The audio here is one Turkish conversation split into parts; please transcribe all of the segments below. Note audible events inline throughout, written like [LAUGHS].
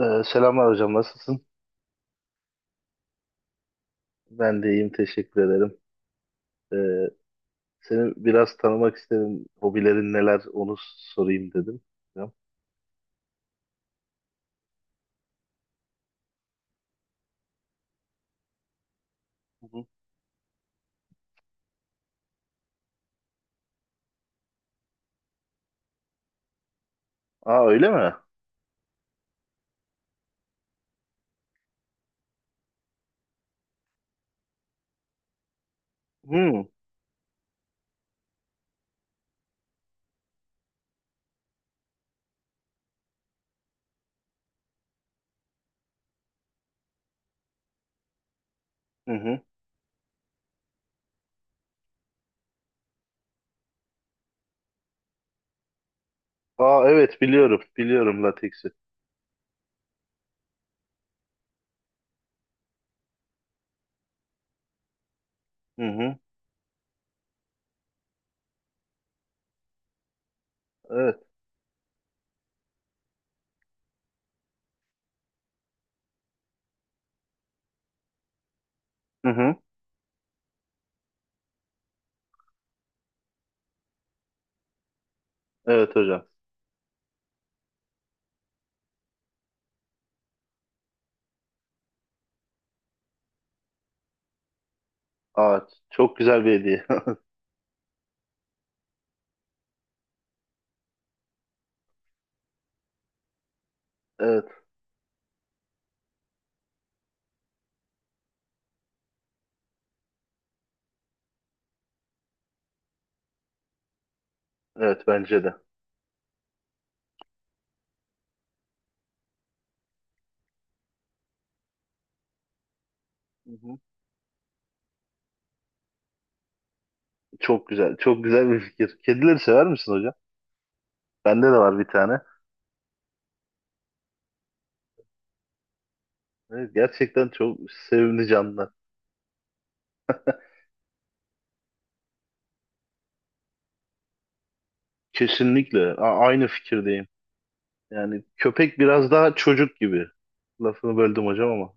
Selamlar hocam, nasılsın? Ben de iyiyim, teşekkür ederim. Ee, Seni biraz tanımak istedim. Hobilerin neler, onu sorayım dedim. Hocam. Hı hı. Aa öyle mi? Hı hı. Hı. Aa evet biliyorum, biliyorum lateksi. Hı hı. Evet. Hı hı. Evet hocam. Aa, çok güzel bir hediye. [LAUGHS] Evet, evet bence de. Hı hı. Çok güzel, çok güzel bir fikir. Kedileri sever misin hocam? Bende de var bir tane. Evet, gerçekten çok sevimli canlılar. Kesinlikle, aynı fikirdeyim. Yani köpek biraz daha çocuk gibi. Lafını böldüm hocam ama.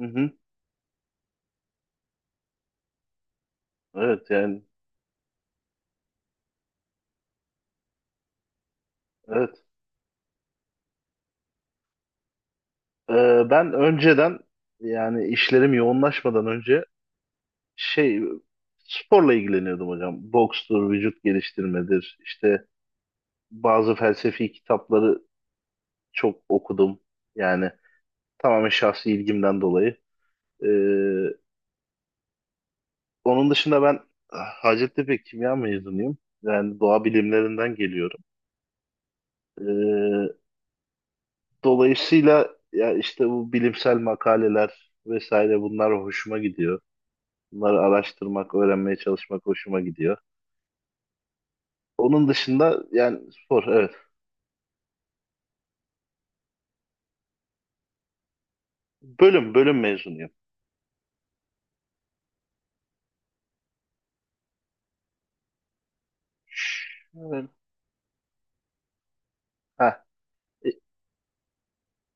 Hı hı. Evet yani evet. Ben önceden, yani işlerim yoğunlaşmadan önce, şey sporla ilgileniyordum hocam. Bokstur, vücut geliştirmedir. İşte bazı felsefi kitapları çok okudum. Yani tamamen şahsi ilgimden dolayı. Ee, onun dışında ben Hacettepe Kimya mezunuyum. Yani doğa bilimlerinden geliyorum. Ee, Dolayısıyla ya işte bu bilimsel makaleler vesaire bunlar hoşuma gidiyor. Bunları araştırmak, öğrenmeye çalışmak hoşuma gidiyor. Onun dışında yani spor, evet. Bölüm bölüm mezunuyum. Evet. Heh. E,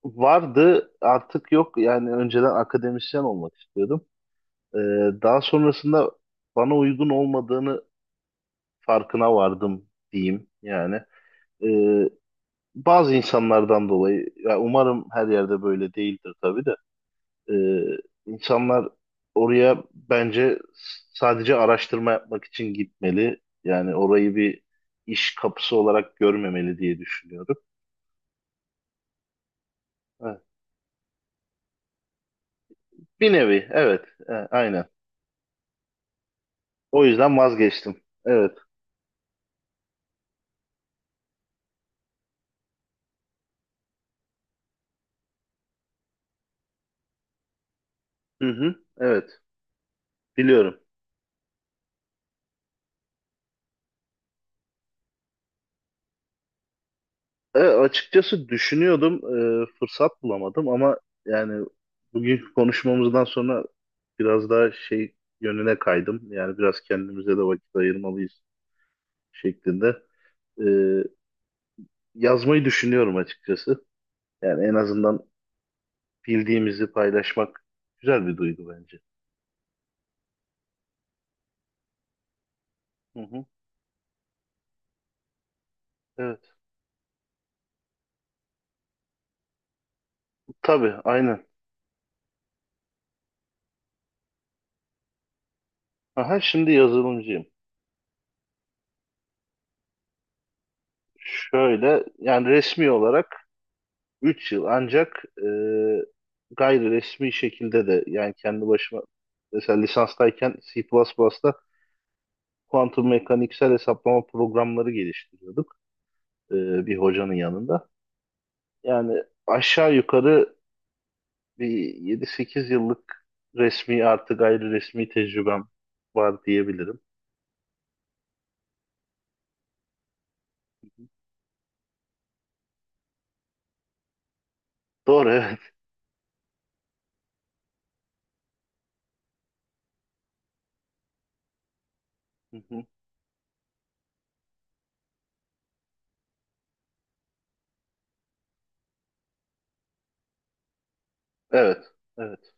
Vardı, artık yok yani, önceden akademisyen olmak istiyordum. Ee, daha sonrasında bana uygun olmadığını farkına vardım diyeyim yani. Ee, bazı insanlardan dolayı, ya umarım her yerde böyle değildir tabii de. Ee, insanlar oraya bence sadece araştırma yapmak için gitmeli. Yani orayı bir iş kapısı olarak görmemeli diye düşünüyorum. Evet. Bir nevi, evet, aynen. O yüzden vazgeçtim. Evet. Hı hı, evet, biliyorum. Açıkçası düşünüyordum, fırsat bulamadım ama yani bugünkü konuşmamızdan sonra biraz daha yönüne kaydım. Yani biraz kendimize de vakit ayırmalıyız şeklinde. E, Yazmayı düşünüyorum açıkçası. Yani en azından bildiğimizi paylaşmak güzel bir duygu bence. Hı hı. Evet. Tabii, aynen. Aha, şimdi yazılımcıyım. Şöyle, yani resmi olarak 3 yıl, ancak gayri resmi şekilde de, yani kendi başıma, mesela lisanstayken C++'da kuantum mekaniksel hesaplama programları geliştiriyorduk, e, bir hocanın yanında. Yani aşağı yukarı bir yedi sekiz yıllık resmi artı gayri resmi tecrübem var diyebilirim. Doğru, evet. Hı hı. Evet. Evet.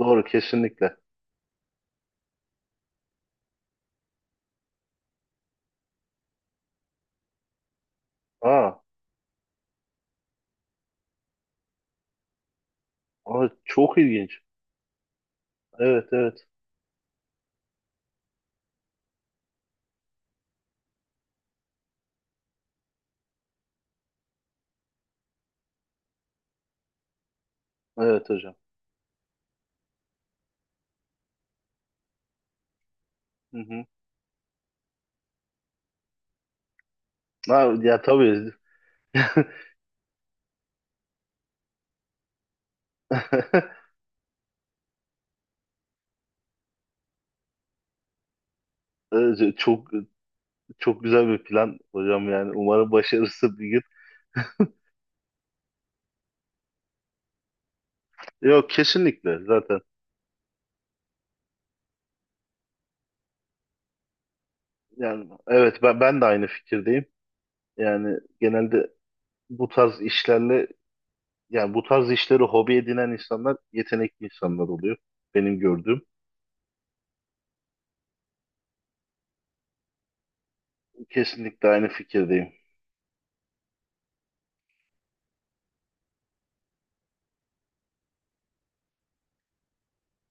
Doğru, kesinlikle. Aa, aa, çok ilginç. Evet evet. Evet hocam. Hı hı. Ha, ya tabii. [LAUGHS] Evet, çok çok güzel bir plan hocam yani. Umarım başarısı bir gün. [LAUGHS] Yok, kesinlikle zaten. Yani evet, ben de aynı fikirdeyim. Yani genelde bu tarz işlerle bu tarz işleri hobi edinen insanlar yetenekli insanlar oluyor. Benim gördüğüm. Kesinlikle aynı fikirdeyim.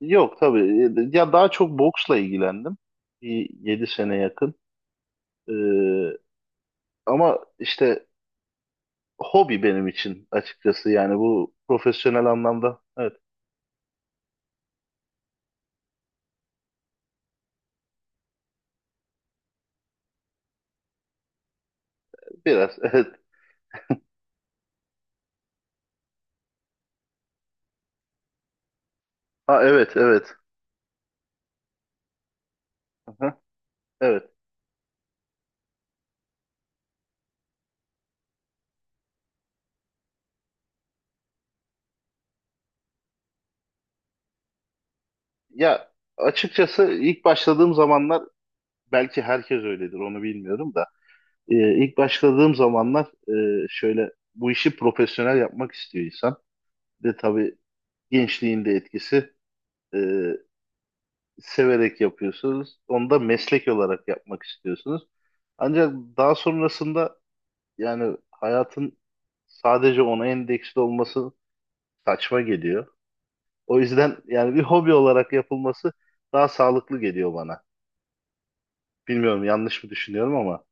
Yok tabii. Ya daha çok boksla ilgilendim. Bir 7 sene yakın. Ee, ama işte hobi benim için, açıkçası. Yani bu profesyonel anlamda. Evet, biraz. [LAUGHS] Evet. Ha, evet evet. Aha, evet. Ya açıkçası ilk başladığım zamanlar, belki herkes öyledir onu bilmiyorum da. İlk başladığım zamanlar, şöyle bu işi profesyonel yapmak istiyor insan. Ve tabii gençliğin de etkisi, e, severek yapıyorsunuz. Onu da meslek olarak yapmak istiyorsunuz. Ancak daha sonrasında yani hayatın sadece ona endeksli olması saçma geliyor. O yüzden yani bir hobi olarak yapılması daha sağlıklı geliyor bana. Bilmiyorum yanlış mı düşünüyorum ama.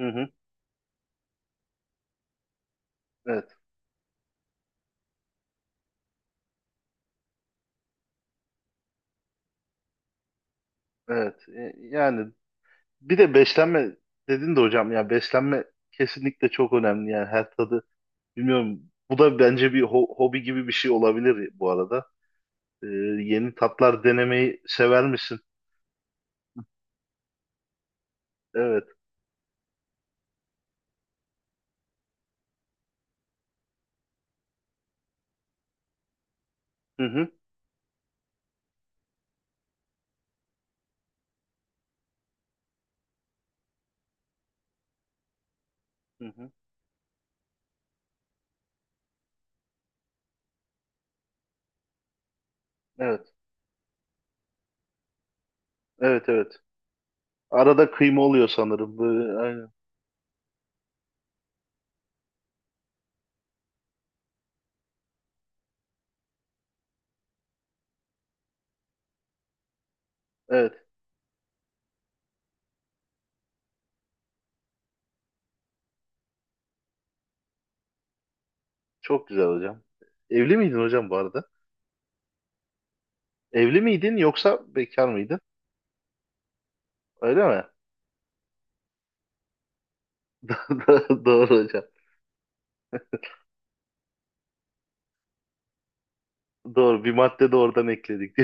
Hı hı. Evet, evet. Yani bir de beslenme dedin de hocam, ya beslenme kesinlikle çok önemli yani her tadı bilmiyorum, bu da bence bir hobi gibi bir şey olabilir bu arada. Ee, yeni tatlar denemeyi sever misin? Evet. Hı hı. Hı hı. Evet. Evet evet. Arada kıyma oluyor sanırım. Böyle, aynen. Evet. Çok güzel hocam. Evli miydin hocam bu arada? Evli miydin yoksa bekar mıydın? Öyle mi? [LAUGHS] Doğru hocam. Doğru. Bir madde de oradan ekledik.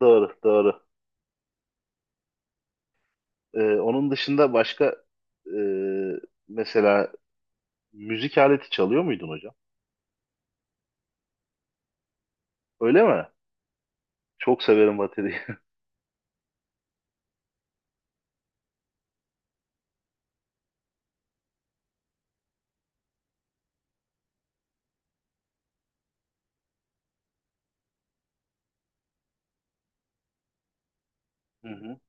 [LAUGHS] Doğru. Doğru. Onun dışında başka, e, mesela müzik aleti çalıyor muydun hocam? Öyle mi? Çok severim bateriyi. [LAUGHS] Hı hı.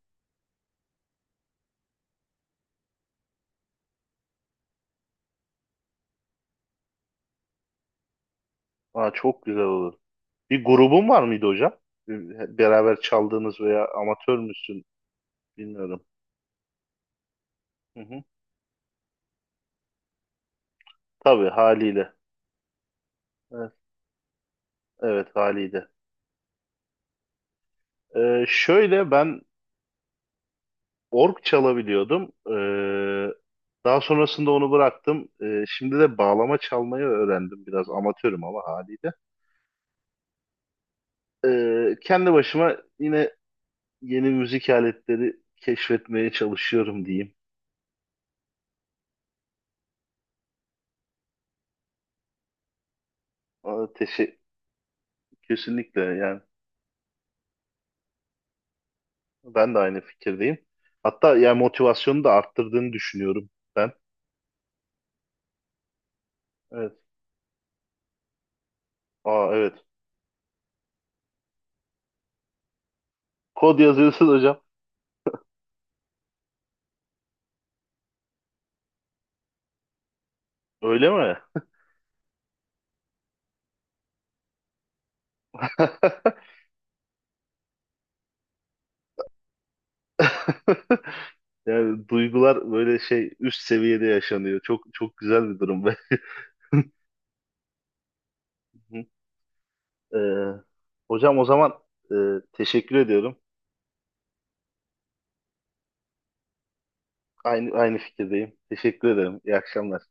Aa, çok güzel olur. Bir grubun var mıydı hocam? Beraber çaldığınız veya amatör müsün bilmiyorum. Hı hı. Tabii, haliyle. Evet, evet haliyle. Şöyle ben org çalabiliyordum. Daha sonrasında onu bıraktım. Şimdi de bağlama çalmayı öğrendim. Biraz amatörüm ama haliyle. Kendi başıma yine yeni müzik aletleri keşfetmeye çalışıyorum diyeyim. Aa, kesinlikle yani ben de aynı fikirdeyim. Hatta yani motivasyonu da arttırdığını düşünüyorum ben. Evet. Aa, evet. Kod yazıyorsun hocam. Öyle mi? [LAUGHS] Yani duygular böyle üst seviyede yaşanıyor. Çok çok güzel bir durum be. [LAUGHS] Ee, hocam o zaman, e, teşekkür ediyorum. Aynı fikirdeyim. Teşekkür ederim. İyi akşamlar.